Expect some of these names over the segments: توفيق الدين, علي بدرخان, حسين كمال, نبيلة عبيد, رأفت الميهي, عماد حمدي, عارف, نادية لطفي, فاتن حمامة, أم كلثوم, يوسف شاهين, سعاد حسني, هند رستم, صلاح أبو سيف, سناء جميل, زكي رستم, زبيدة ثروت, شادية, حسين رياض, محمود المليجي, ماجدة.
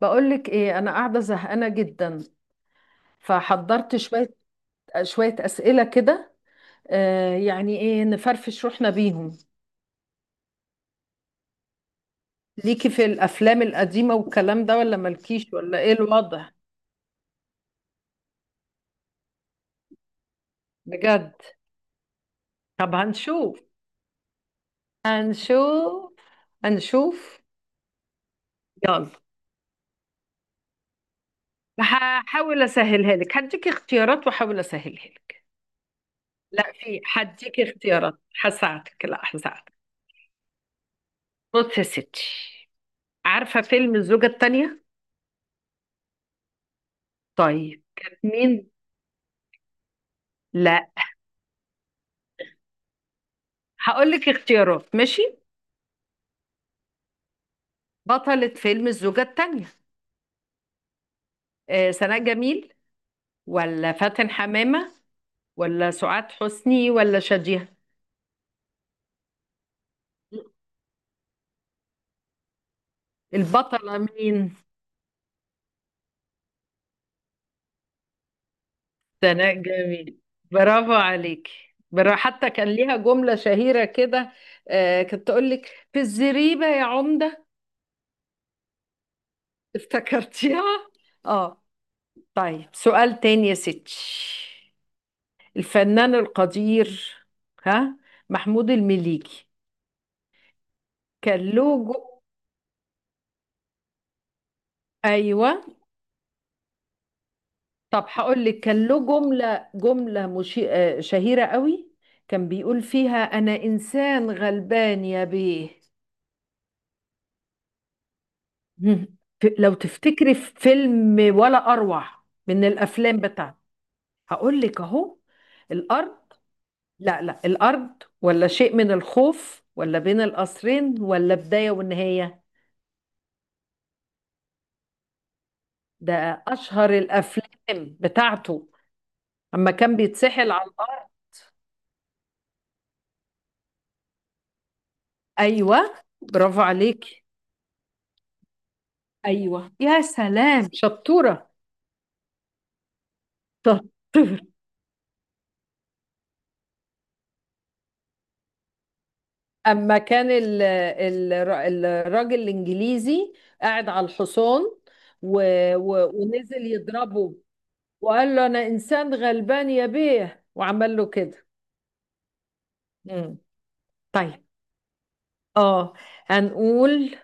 بقولك ايه؟ انا قاعده زهقانه جدا، فحضرت شويه شويه اسئله كده. يعني ايه، نفرفش روحنا بيهم. ليكي في الافلام القديمه والكلام ده، ولا مالكيش، ولا ايه الوضع؟ بجد؟ طب هنشوف، هنشوف، هنشوف. يلا، هحاول اسهلها لك، هديك اختيارات واحاول اسهلها لك. لا، في، هديكي اختيارات هساعدك، لا هساعدك. بص يا ستي، عارفه فيلم الزوجه الثانيه؟ طيب كانت مين؟ لا. هقول لك اختيارات، ماشي؟ بطلة فيلم الزوجة التانية، سناء جميل، ولا فاتن حمامة، ولا سعاد حسني، ولا شادية؟ البطلة مين؟ سناء جميل. برافو عليك. برا، حتى كان ليها جملة شهيرة كده. كانت تقول لك: في الزريبة يا عمدة. افتكرتيها؟ اه. طيب، سؤال تاني يا ستي. الفنان القدير، ها، محمود المليجي. كان له جو- ايوه. طب هقول لك، كان له جملة جملة مشي... آه، شهيرة قوي، كان بيقول فيها: أنا إنسان غلبان يا بيه. مم. لو تفتكري في فيلم ولا أروع من الأفلام بتاعته. هقول لك أهو: الأرض. لا لا، الأرض، ولا شيء من الخوف، ولا بين القصرين، ولا بداية ونهاية. ده أشهر الأفلام بتاعته، أما كان بيتسحل على الأرض. أيوه. برافو عليك. أيوه، يا سلام، شطورة. شطور. اما كان ال الراجل الانجليزي قاعد على الحصان، و و ونزل يضربه، وقال له: انا انسان غلبان يا بيه، وعمل له كده. مم. طيب. اه. هنقول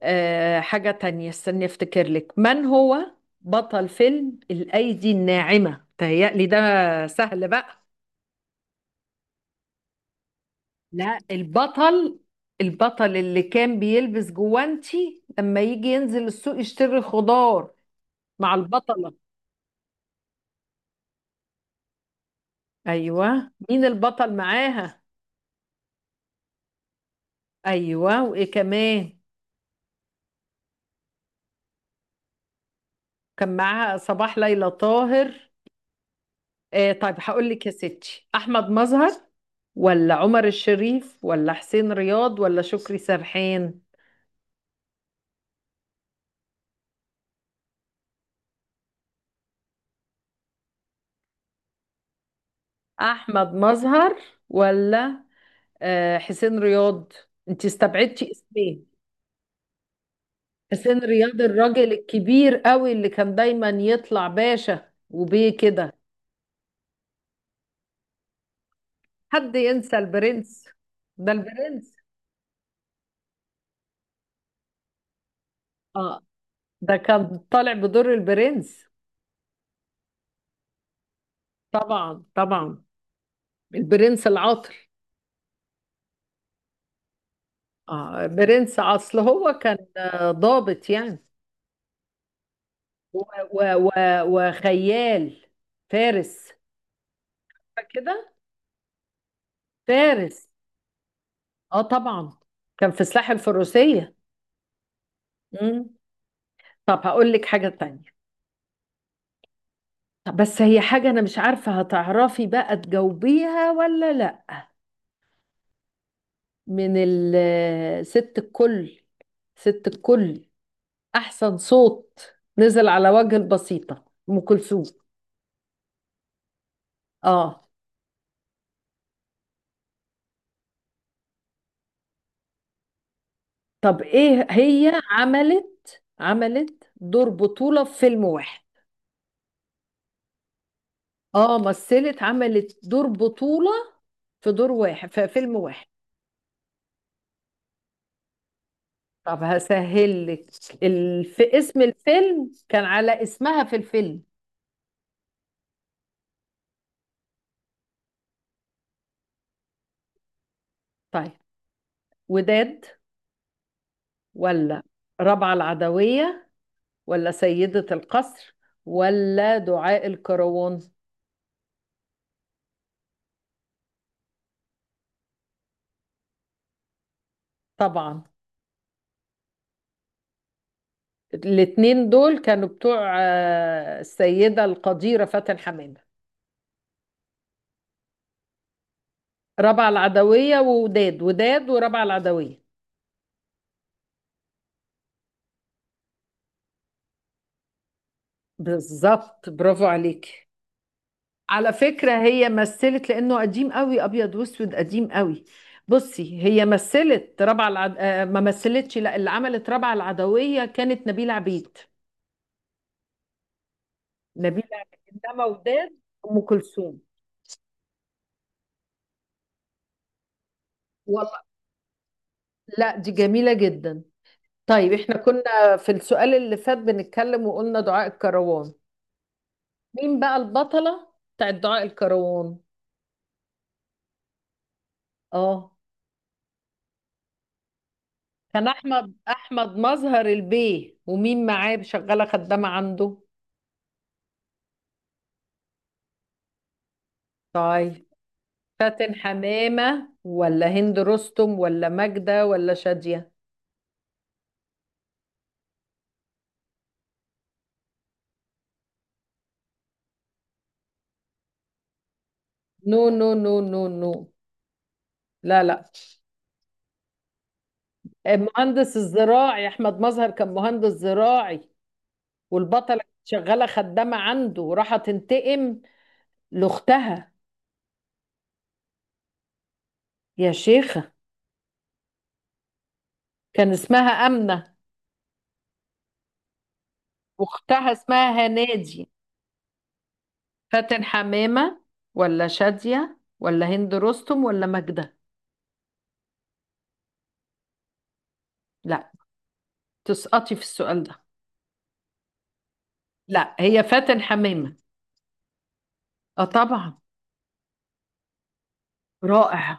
حاجة تانية، استني افتكر لك. من هو بطل فيلم الايدي الناعمة؟ تهيألي ده سهل بقى. لا، البطل، البطل اللي كان بيلبس جوانتي لما يجي ينزل السوق يشتري خضار مع البطلة. ايوه، مين البطل معاها؟ ايوه، وايه كمان؟ كان معاها صباح، ليلى طاهر. طيب هقول لك يا ستي: احمد مظهر، ولا عمر الشريف، ولا حسين رياض، ولا شكري سرحان؟ احمد مظهر، ولا حسين رياض. انت استبعدتي اسمين. حسين رياض، الراجل الكبير قوي اللي كان دايما يطلع باشا وبيه كده. حد ينسى البرنس؟ ده البرنس. اه، ده كان طالع بدور البرنس. طبعا طبعا، البرنس العاطل. اه، برنس، اصل هو كان ضابط يعني، و و و وخيال، فارس، كده، فارس. اه طبعا، كان في سلاح الفروسية. مم. طب هقول لك حاجة تانية. طب بس هي حاجة أنا مش عارفة هتعرفي بقى تجاوبيها ولا لأ. ست الكل، ست الكل، أحسن صوت نزل على وجه البسيطة، أم كلثوم. آه. طب إيه؟ هي عملت دور بطولة في فيلم واحد. مثلت، عملت دور بطولة في دور واحد في فيلم واحد. طب هسهلك، اسم الفيلم كان على اسمها في الفيلم. طيب، وداد، ولا ربعة العدوية، ولا سيدة القصر، ولا دعاء الكروان؟ طبعا. الاتنين دول كانوا بتوع السيدة القديرة فاتن حمامة. ربعة العدوية ووداد، وداد وربعة العدوية. بالظبط، برافو عليك. على فكرة، هي مثلت لأنه قديم قوي، أبيض وأسود قديم قوي. بصي، هي مثلت ربعة العد... آه، ما مثلتش، لا، اللي عملت ربعة العدوية كانت نبيلة عبيد. نبيلة. إنما وداد أم كلثوم. والله، لا، دي جميلة جدا. طيب، احنا كنا في السؤال اللي فات بنتكلم وقلنا دعاء الكروان. مين بقى البطلة بتاعت دعاء الكروان؟ اه. كان احمد مظهر البيه، ومين معاه شغالة خدامة عنده. طيب، فاتن حمامة، ولا هند رستم، ولا ماجدة، ولا شادية؟ نو نو نو نو نو. لا لا. مهندس الزراعي، احمد مظهر كان مهندس زراعي، والبطلة شغالة خدامة عنده وراحة تنتقم لأختها. يا شيخة، كان اسمها آمنة، وأختها اسمها هنادي. فاتن حمامة، ولا شادية، ولا هند رستم، ولا ماجدة؟ لا، تسقطي في السؤال ده. لا، هي فاتن حمامة. اه طبعا. رائع،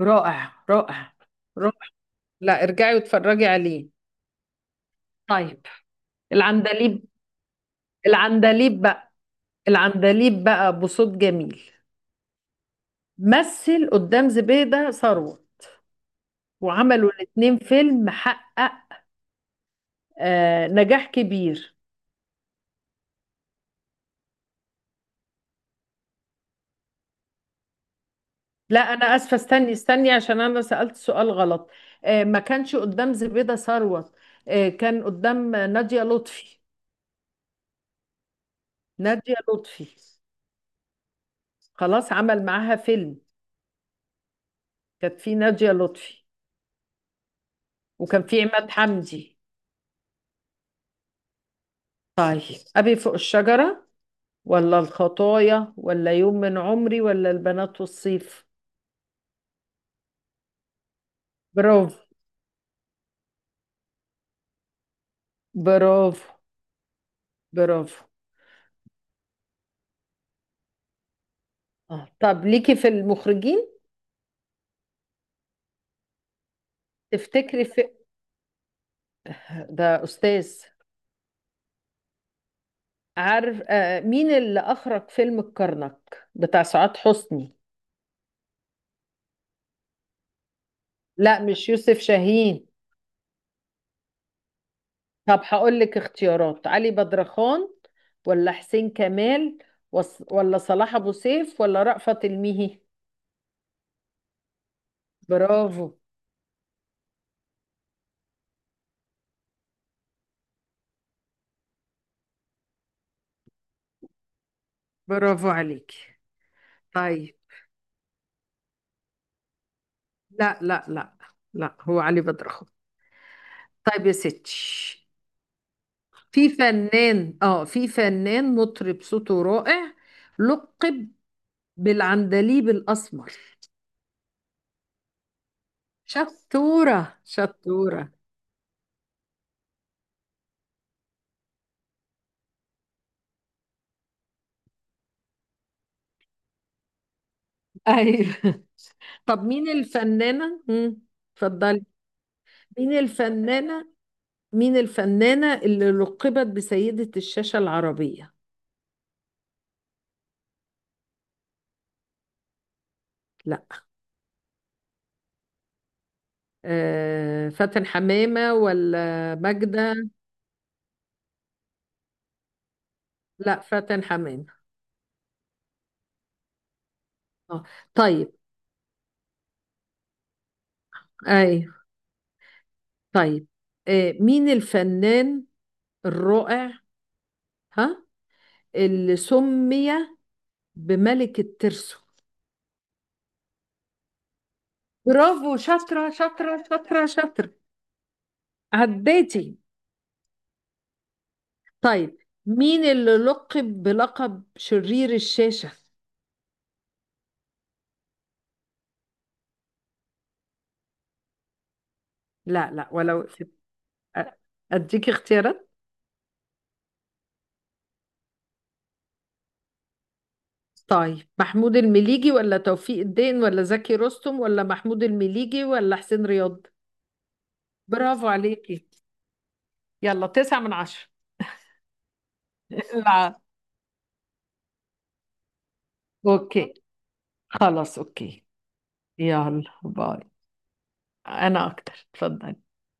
رائع رائع رائع. لا، ارجعي واتفرجي عليه. طيب. العندليب، العندليب بقى، العندليب بقى بصوت جميل، مثل قدام زبيدة ثروت، وعملوا الاتنين فيلم حقق نجاح كبير. لا، انا اسفه، استني استني، عشان انا سألت سؤال غلط. ما كانش قدام زبيدة ثروت. كان قدام نادية لطفي، نادية لطفي. خلاص، عمل معاها فيلم. كانت في نادية لطفي، وكان في عماد حمدي. طيب، أبي فوق الشجرة، ولا الخطايا، ولا يوم من عمري، ولا البنات والصيف؟ برافو، برافو، برافو. اه، طب ليكي في المخرجين، تفتكري في؟ ده أستاذ. عارف مين اللي أخرج فيلم الكرنك بتاع سعاد حسني؟ لا، مش يوسف شاهين. طب هقول لك اختيارات: علي بدرخان، ولا حسين كمال، ولا صلاح أبو سيف، ولا رأفت الميهي؟ برافو، برافو عليك. طيب، لا لا لا، لا هو علي بدرخو. طيب يا ستي، في فنان مطرب صوته رائع، لقب بالعندليب الأسمر. شطورة شطورة. أيوة. طب مين الفنانة؟ اتفضلي. مين الفنانة، مين الفنانة اللي لقبت بسيدة الشاشة العربية؟ لا. فاتن حمامة ولا ماجدة؟ لا، فاتن حمامة. اه طيب. أيوة. طيب. مين الفنان الرائع، ها، اللي سمي بملك الترسو؟ برافو، شاطرة شاطرة شاطرة شاطرة. عديتي. طيب، مين اللي لقب بلقب شرير الشاشة؟ لا لا، ولا وقفت. أ- أديك اختيارات. طيب، محمود المليجي، ولا توفيق الدين، ولا زكي رستم، ولا محمود المليجي، ولا حسين رياض؟ برافو عليكي. يلا، 9/10. لا. اوكي، خلاص اوكي. يلا باي. انا اكتر، اتفضل.